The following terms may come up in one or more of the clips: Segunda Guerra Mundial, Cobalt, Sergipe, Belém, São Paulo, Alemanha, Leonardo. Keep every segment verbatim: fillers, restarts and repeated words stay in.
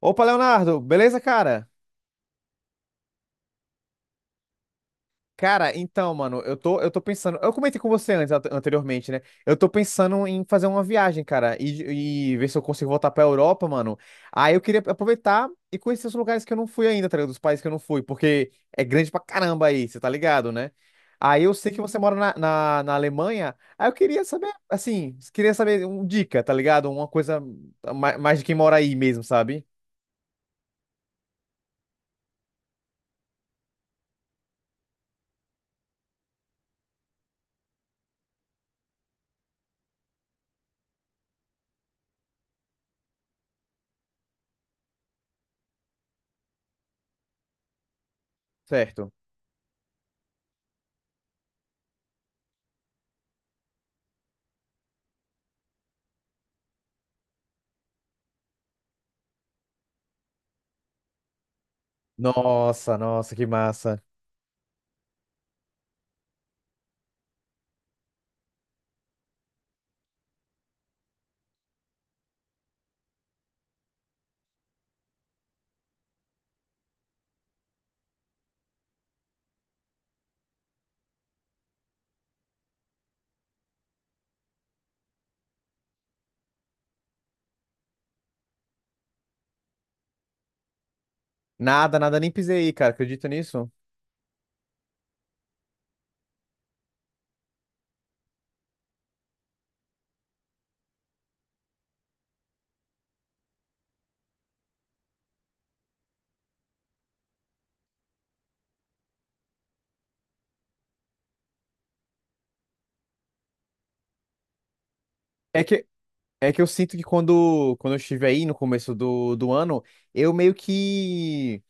Opa, Leonardo, beleza, cara? Cara, então, mano, eu tô, eu tô pensando. Eu comentei com você antes, ante- anteriormente, né? Eu tô pensando em fazer uma viagem, cara, e, e ver se eu consigo voltar pra Europa, mano. Aí eu queria aproveitar e conhecer os lugares que eu não fui ainda, tá ligado? Dos países que eu não fui, porque é grande pra caramba aí, você tá ligado, né? Aí eu sei que você mora na, na, na Alemanha, aí eu queria saber, assim, queria saber uma dica, tá ligado? Uma coisa ma- mais de quem mora aí mesmo, sabe? Certo. Nossa, nossa, que massa. Nada, nada, nem pisei aí, cara. Acredita nisso? É que, é que eu sinto que quando, quando eu estive aí no começo do, do ano, eu meio que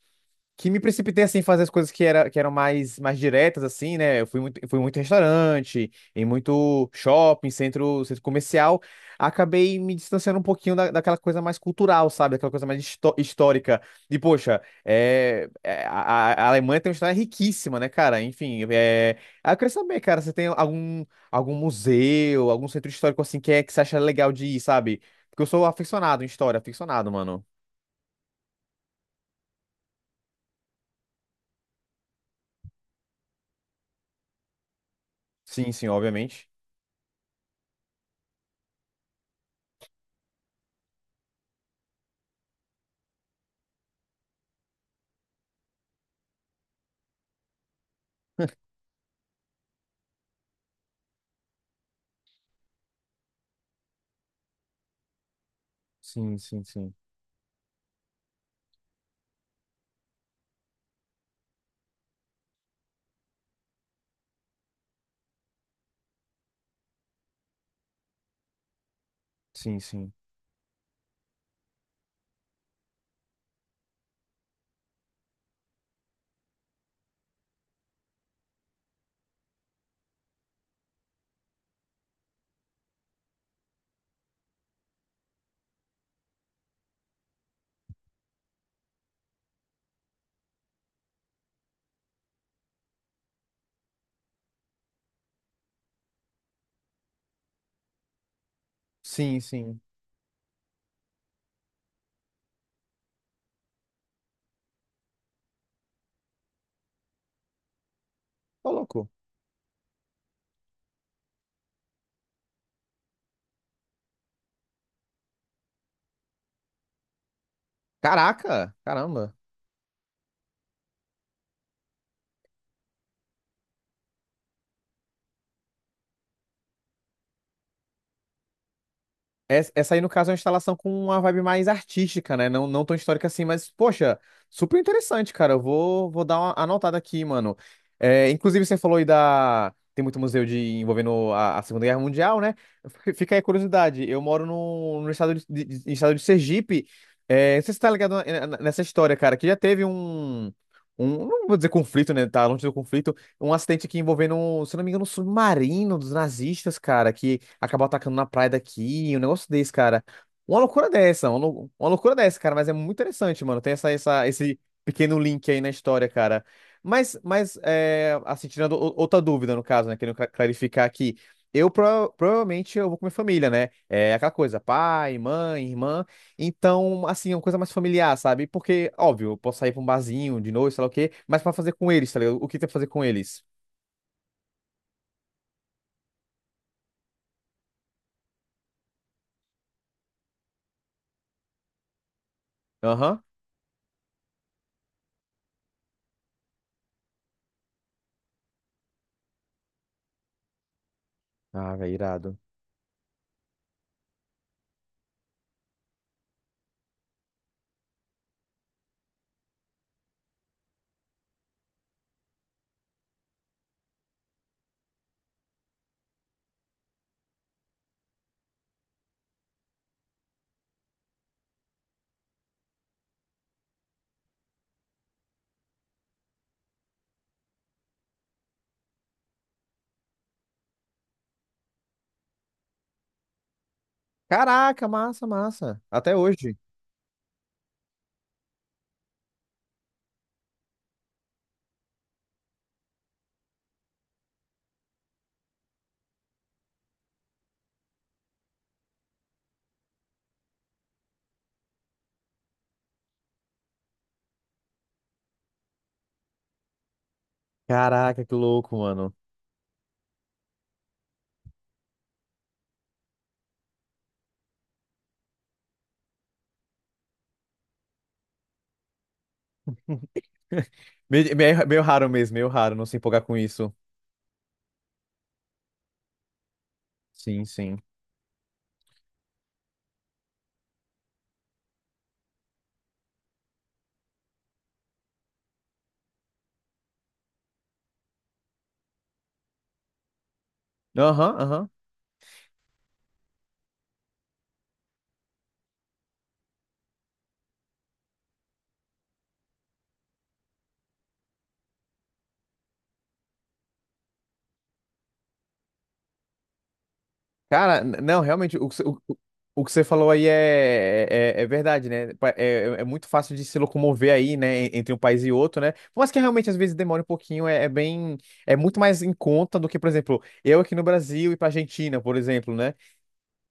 que me precipitei assim em fazer as coisas que, era, que eram mais, mais diretas assim, né? Eu fui muito, fui muito em restaurante, em muito shopping, centro, centro comercial, acabei me distanciando um pouquinho da, daquela coisa mais cultural, sabe? Daquela coisa mais histó- histórica. E poxa, é, é, a, a Alemanha tem uma história riquíssima, né, cara? Enfim, é, aí eu queria saber, cara, você tem algum algum museu, algum centro histórico assim que é que você acha legal de ir, sabe? Porque eu sou aficionado em história, aficionado, mano. Sim, sim, obviamente. Sim, sim, sim. Sim, sim. Sim, sim. Ô, louco. Caraca, caramba. Es- Essa aí, no caso, é uma instalação com uma vibe mais artística, né? Não, não tão histórica assim, mas, poxa, super interessante, cara. Eu vou, vou dar uma anotada aqui, mano. É, inclusive, você falou aí da. Tem muito museu de envolvendo a, a Segunda Guerra Mundial, né? F- Fica aí a curiosidade. Eu moro no, no estado de, de- de- estado de Sergipe. É, não sei se você tá ligado na- na- nessa história, cara, que já teve um. Um, não vou dizer conflito, né? Tá longe do conflito, um acidente aqui envolvendo, um, se não me engano, um submarino dos nazistas, cara, que acabou atacando na praia daqui, um negócio desse, cara. Uma loucura dessa, uma, lou- uma loucura dessa, cara, mas é muito interessante, mano. Tem essa, essa, esse pequeno link aí na história, cara. Mas, mas é, assim, tirando o- outra dúvida, no caso, né, querendo cla- clarificar aqui. Eu prova- provavelmente eu vou com minha família, né? É aquela coisa, pai, mãe, irmã. Então, assim, é uma coisa mais familiar, sabe? Porque, óbvio, eu posso sair pra um barzinho de noite, sei lá o quê, mas pra fazer com eles, tá ligado? O que tem pra fazer com eles? Aham. Ah, velho, irado. Caraca, massa, massa. Até hoje. Caraca, que louco, mano. Meio, meio meio raro mesmo, meio raro não se empolgar com isso. Sim, sim. Aham, aham. Cara, n- não, realmente, o, que cê- o, o o que você falou aí é, é, é é verdade, né? Pa- É, é é muito fácil de se locomover aí, né, en- entre um país e outro, né? Mas que realmente às vezes demora um pouquinho, é, é bem, é muito mais em conta do que, por exemplo, eu aqui no Brasil e pra Argentina, por exemplo, né?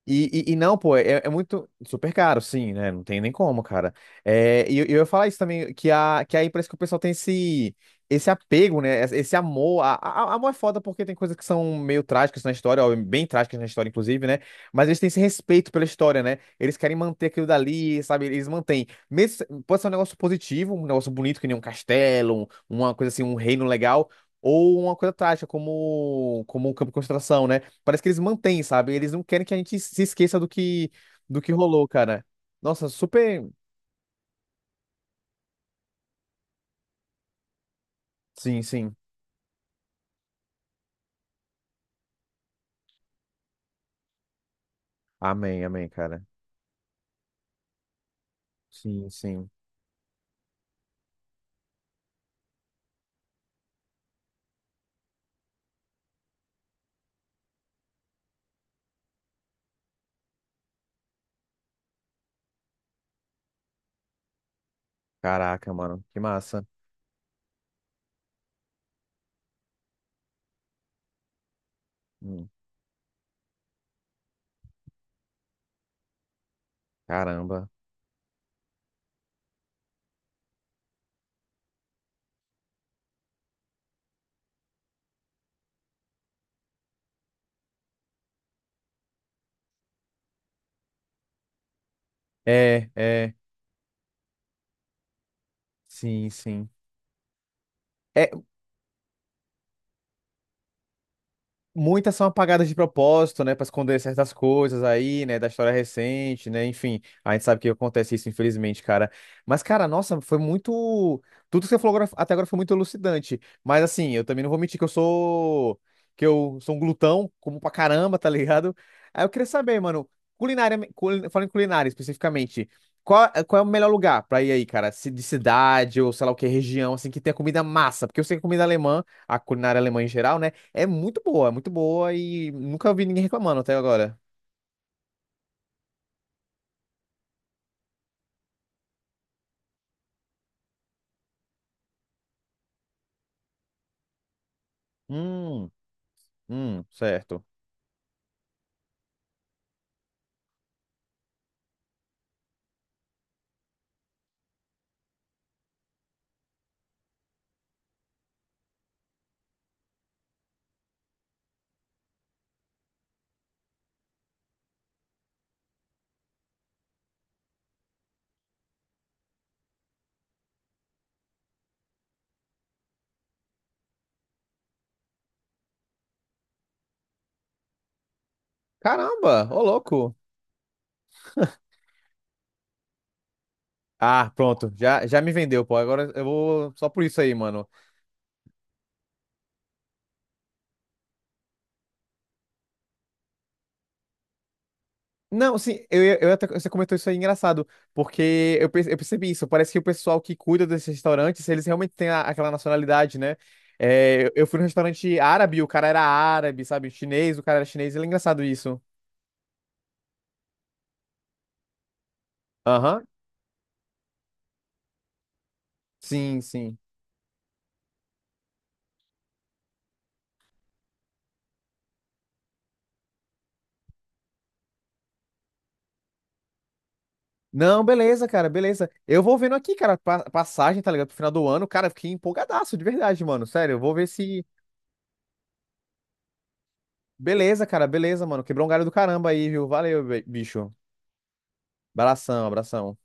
E, e, e não, pô, é, é muito super caro, sim, né? Não tem nem como, cara. É, e eu, eu ia falar isso também, que, a, que aí parece que o pessoal tem esse, esse apego, né? Esse esse amor. A, a- amor é foda porque tem coisas que são meio trágicas na história, ó, bem trágicas na história, inclusive, né? Mas eles têm esse respeito pela história, né? Eles querem manter aquilo dali, sabe? Eles mantêm. Mesmo, se- pode ser um negócio positivo, um negócio bonito, que nem um castelo, um- uma coisa assim, um reino legal. Ou uma coisa trágica, como, como um campo de concentração, né? Parece que eles mantêm, sabe? Eles não querem que a gente se esqueça do que, do que rolou, cara. Nossa, super. Sim, sim. Amém, amém, cara. Sim, sim. Caraca, mano. Que massa. Hum, caramba. É, é. Sim, sim. É. Muitas são apagadas de propósito, né, para esconder certas coisas aí, né, da história recente, né, enfim, a gente sabe que acontece isso, infelizmente, cara. Mas, cara, nossa, foi muito. Tudo que você falou agora- até agora foi muito elucidante. Mas, assim, eu também não vou mentir que eu sou. Que eu sou um glutão, como pra caramba, tá ligado? Aí eu queria saber, mano, culinária, culi- falando em culinária especificamente, qual, qual é o melhor lugar pra ir aí, cara? Se- De cidade ou sei lá o que, região, assim, que tenha comida massa? Porque eu sei que comida alemã, a culinária alemã em geral, né? É muito boa, é muito boa e nunca vi ninguém reclamando até agora. Hum, hum, certo. Caramba, ô louco. Ah, pronto, já, já me vendeu, pô. Agora eu vou só por isso aí, mano. Não, sim, eu, ia- eu, até, você comentou isso aí engraçado, porque eu, perce- eu percebi isso. Parece que o pessoal que cuida desses restaurantes, eles realmente têm a- aquela nacionalidade, né? É, eu eu fui num restaurante árabe, o cara era árabe, sabe? Chinês, o cara era chinês, ele é engraçado isso. Aham, sim, sim. Não, beleza, cara, beleza. Eu vou vendo aqui, cara, pa- passagem, tá ligado? Pro final do ano, cara, eu fiquei empolgadaço, de verdade, mano. Sério, eu vou ver se. Beleza, cara, beleza, mano. Quebrou um galho do caramba aí, viu? Valeu, be- bicho. Abração, abração.